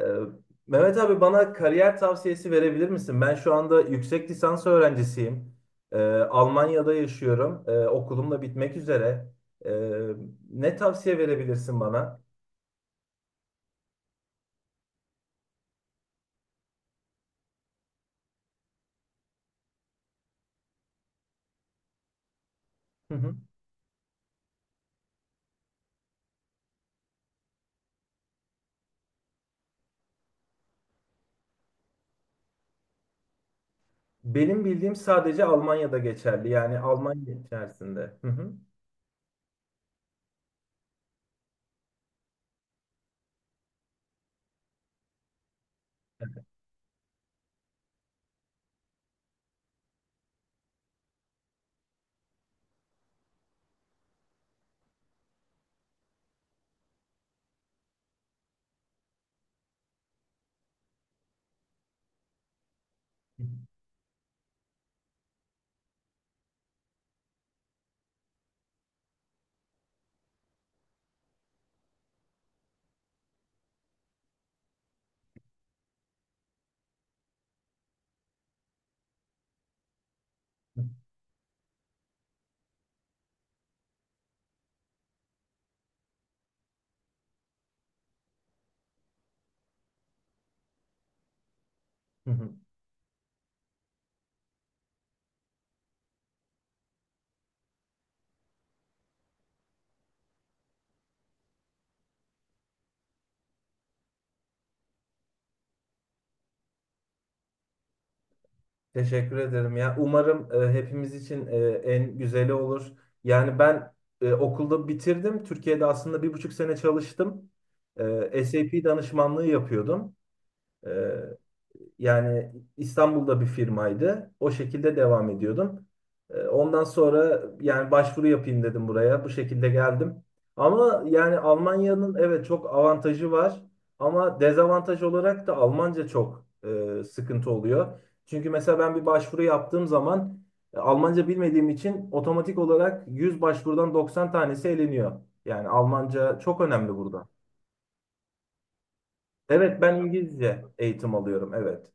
Ee, Mehmet abi bana kariyer tavsiyesi verebilir misin? Ben şu anda yüksek lisans öğrencisiyim. Ee, Almanya'da yaşıyorum. Okulum da bitmek üzere. Ee, Ne tavsiye verebilirsin bana? Hı hı. Benim bildiğim sadece Almanya'da geçerli. Yani Almanya içerisinde. Hı hı. Hı hı. Teşekkür ederim ya. Umarım hepimiz için en güzeli olur. Yani ben okulda bitirdim. Türkiye'de aslında bir buçuk sene çalıştım. SAP danışmanlığı yapıyordum. E, yani İstanbul'da bir firmaydı. O şekilde devam ediyordum. Ondan sonra yani başvuru yapayım dedim buraya. Bu şekilde geldim. Ama yani Almanya'nın evet çok avantajı var. Ama dezavantaj olarak da Almanca çok sıkıntı oluyor. Çünkü mesela ben bir başvuru yaptığım zaman Almanca bilmediğim için otomatik olarak 100 başvurudan 90 tanesi eleniyor. Yani Almanca çok önemli burada. Evet, ben İngilizce eğitim alıyorum. Evet.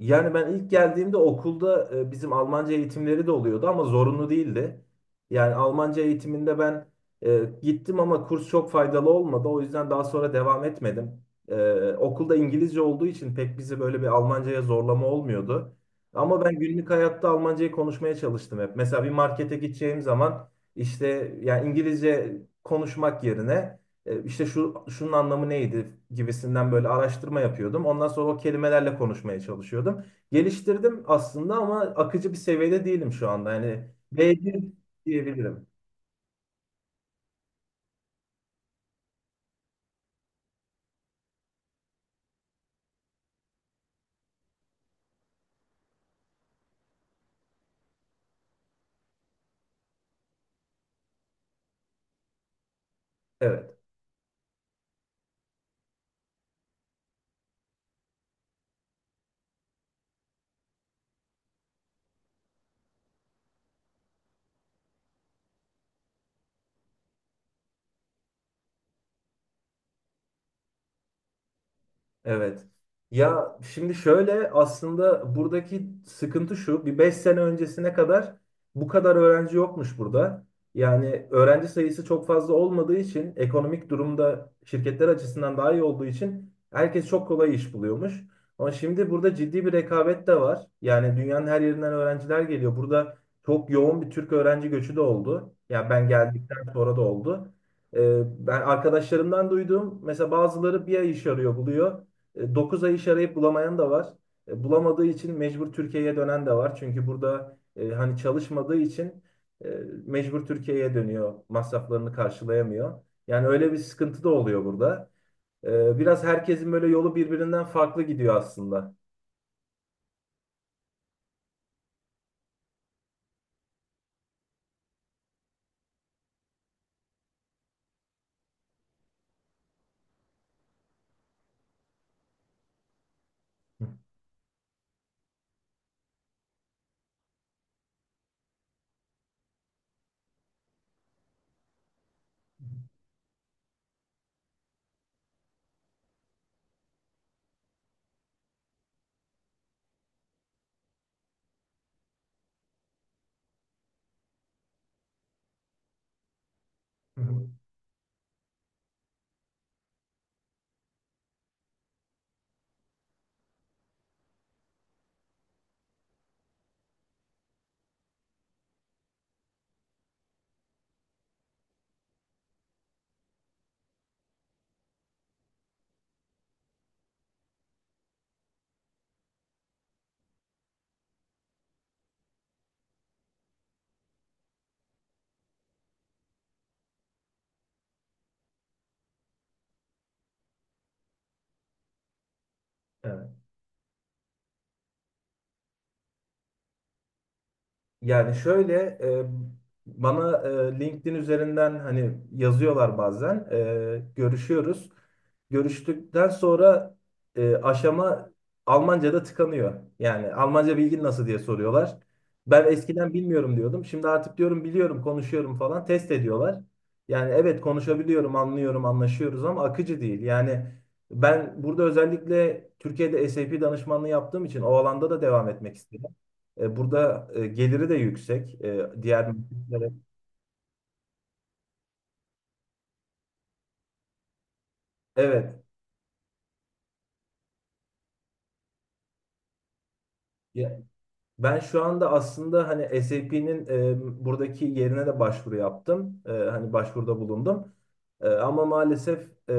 Yani ben ilk geldiğimde okulda bizim Almanca eğitimleri de oluyordu ama zorunlu değildi. Yani Almanca eğitiminde ben gittim ama kurs çok faydalı olmadı. O yüzden daha sonra devam etmedim. Okulda İngilizce olduğu için pek bizi böyle bir Almancaya zorlama olmuyordu. Ama ben günlük hayatta Almancayı konuşmaya çalıştım hep. Mesela bir markete gideceğim zaman işte yani İngilizce konuşmak yerine işte şunun anlamı neydi gibisinden böyle araştırma yapıyordum. Ondan sonra o kelimelerle konuşmaya çalışıyordum. Geliştirdim aslında ama akıcı bir seviyede değilim şu anda. Yani B1 diyebilirim. Evet. Evet. Ya şimdi şöyle, aslında buradaki sıkıntı şu. Bir 5 sene öncesine kadar bu kadar öğrenci yokmuş burada. Yani öğrenci sayısı çok fazla olmadığı için, ekonomik durumda şirketler açısından daha iyi olduğu için herkes çok kolay iş buluyormuş. Ama şimdi burada ciddi bir rekabet de var. Yani dünyanın her yerinden öğrenciler geliyor. Burada çok yoğun bir Türk öğrenci göçü de oldu. Ya ben geldikten sonra da oldu. Ee, ben arkadaşlarımdan duyduğum, mesela bazıları bir ay iş arıyor, buluyor. 9 ay iş arayıp bulamayan da var. Bulamadığı için mecbur Türkiye'ye dönen de var. Çünkü burada hani çalışmadığı için e, mecbur Türkiye'ye dönüyor. Masraflarını karşılayamıyor. Yani öyle bir sıkıntı da oluyor burada. Biraz herkesin böyle yolu birbirinden farklı gidiyor aslında. Evet. Yani şöyle, bana LinkedIn üzerinden hani yazıyorlar bazen, görüşüyoruz. Görüştükten sonra aşama Almanca'da tıkanıyor. Yani Almanca bilgin nasıl diye soruyorlar. Ben eskiden bilmiyorum diyordum. Şimdi artık diyorum biliyorum, konuşuyorum falan, test ediyorlar. Yani evet, konuşabiliyorum, anlıyorum, anlaşıyoruz ama akıcı değil. Yani ben burada, özellikle Türkiye'de SAP danışmanlığı yaptığım için o alanda da devam etmek istedim. Burada geliri de yüksek. Diğer mühendislere. Evet. Ya, ben şu anda aslında hani SAP'nin buradaki yerine de başvuru yaptım. Hani başvuruda bulundum. Ama maalesef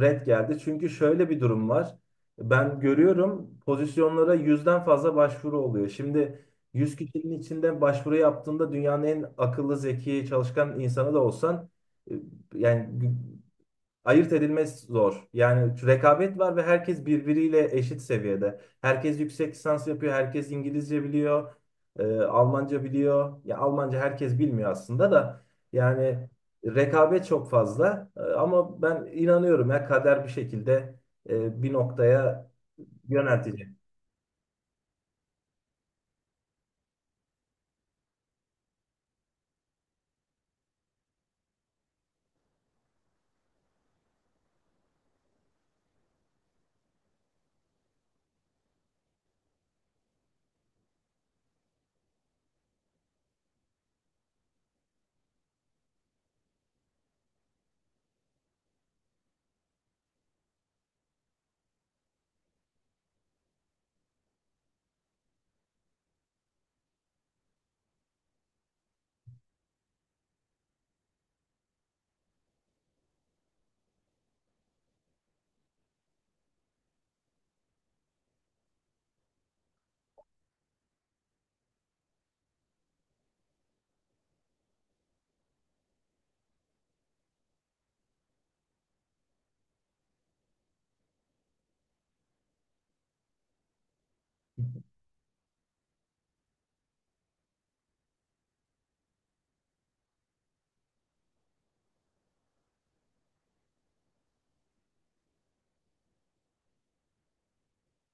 red geldi. Çünkü şöyle bir durum var. Ben görüyorum, pozisyonlara yüzden fazla başvuru oluyor. Şimdi yüz kişinin içinde başvuru yaptığında, dünyanın en akıllı, zeki, çalışkan insanı da olsan e, yani ayırt edilmesi zor. Yani rekabet var ve herkes birbiriyle eşit seviyede. Herkes yüksek lisans yapıyor, herkes İngilizce biliyor, Almanca biliyor. Ya Almanca herkes bilmiyor aslında da, yani rekabet çok fazla. Ama ben inanıyorum, ya kader bir şekilde bir noktaya yöneltecek.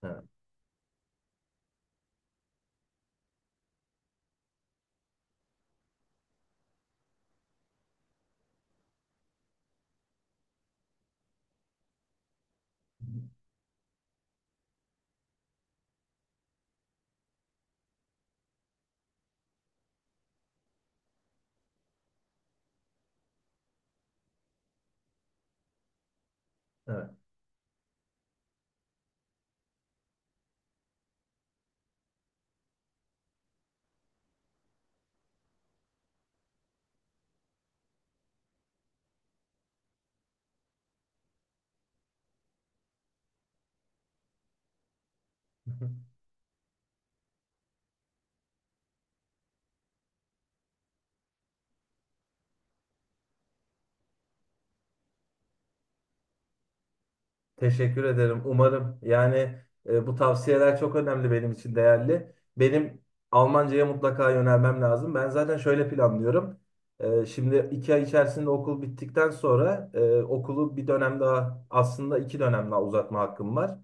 Ha. Evet. Teşekkür ederim. Umarım. Yani bu tavsiyeler çok önemli, benim için değerli. Benim Almanca'ya mutlaka yönelmem lazım. Ben zaten şöyle planlıyorum. Şimdi iki ay içerisinde okul bittikten sonra, okulu bir dönem daha, aslında iki dönem daha uzatma hakkım var.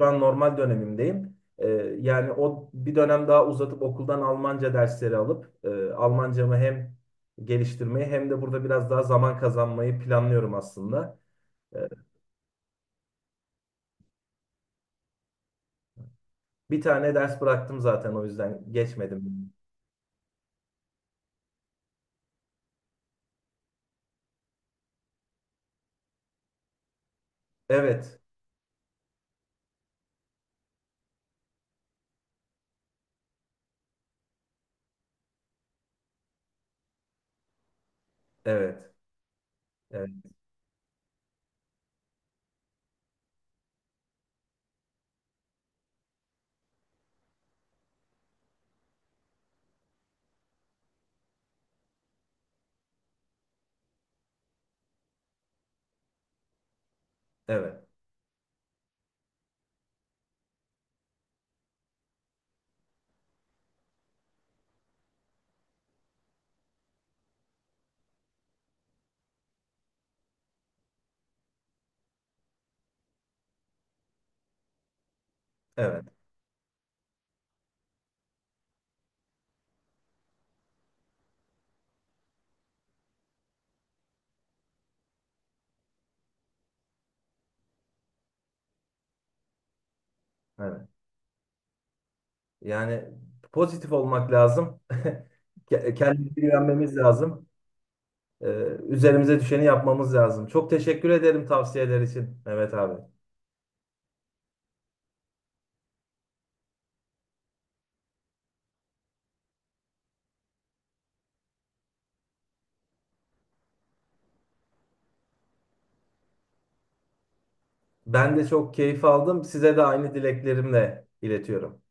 Şu an normal dönemimdeyim. Yani o bir dönem daha uzatıp okuldan Almanca dersleri alıp Almancamı hem geliştirmeyi hem de burada biraz daha zaman kazanmayı planlıyorum aslında. E, Bir tane ders bıraktım zaten, o yüzden geçmedim. Evet, evet, evet, evet, evet, evet. Yani pozitif olmak lazım. Kendimize güvenmemiz lazım. Ee, üzerimize düşeni yapmamız lazım. Çok teşekkür ederim tavsiyeler için Mehmet abi. Ben de çok keyif aldım. Size de aynı dileklerimle iletiyorum.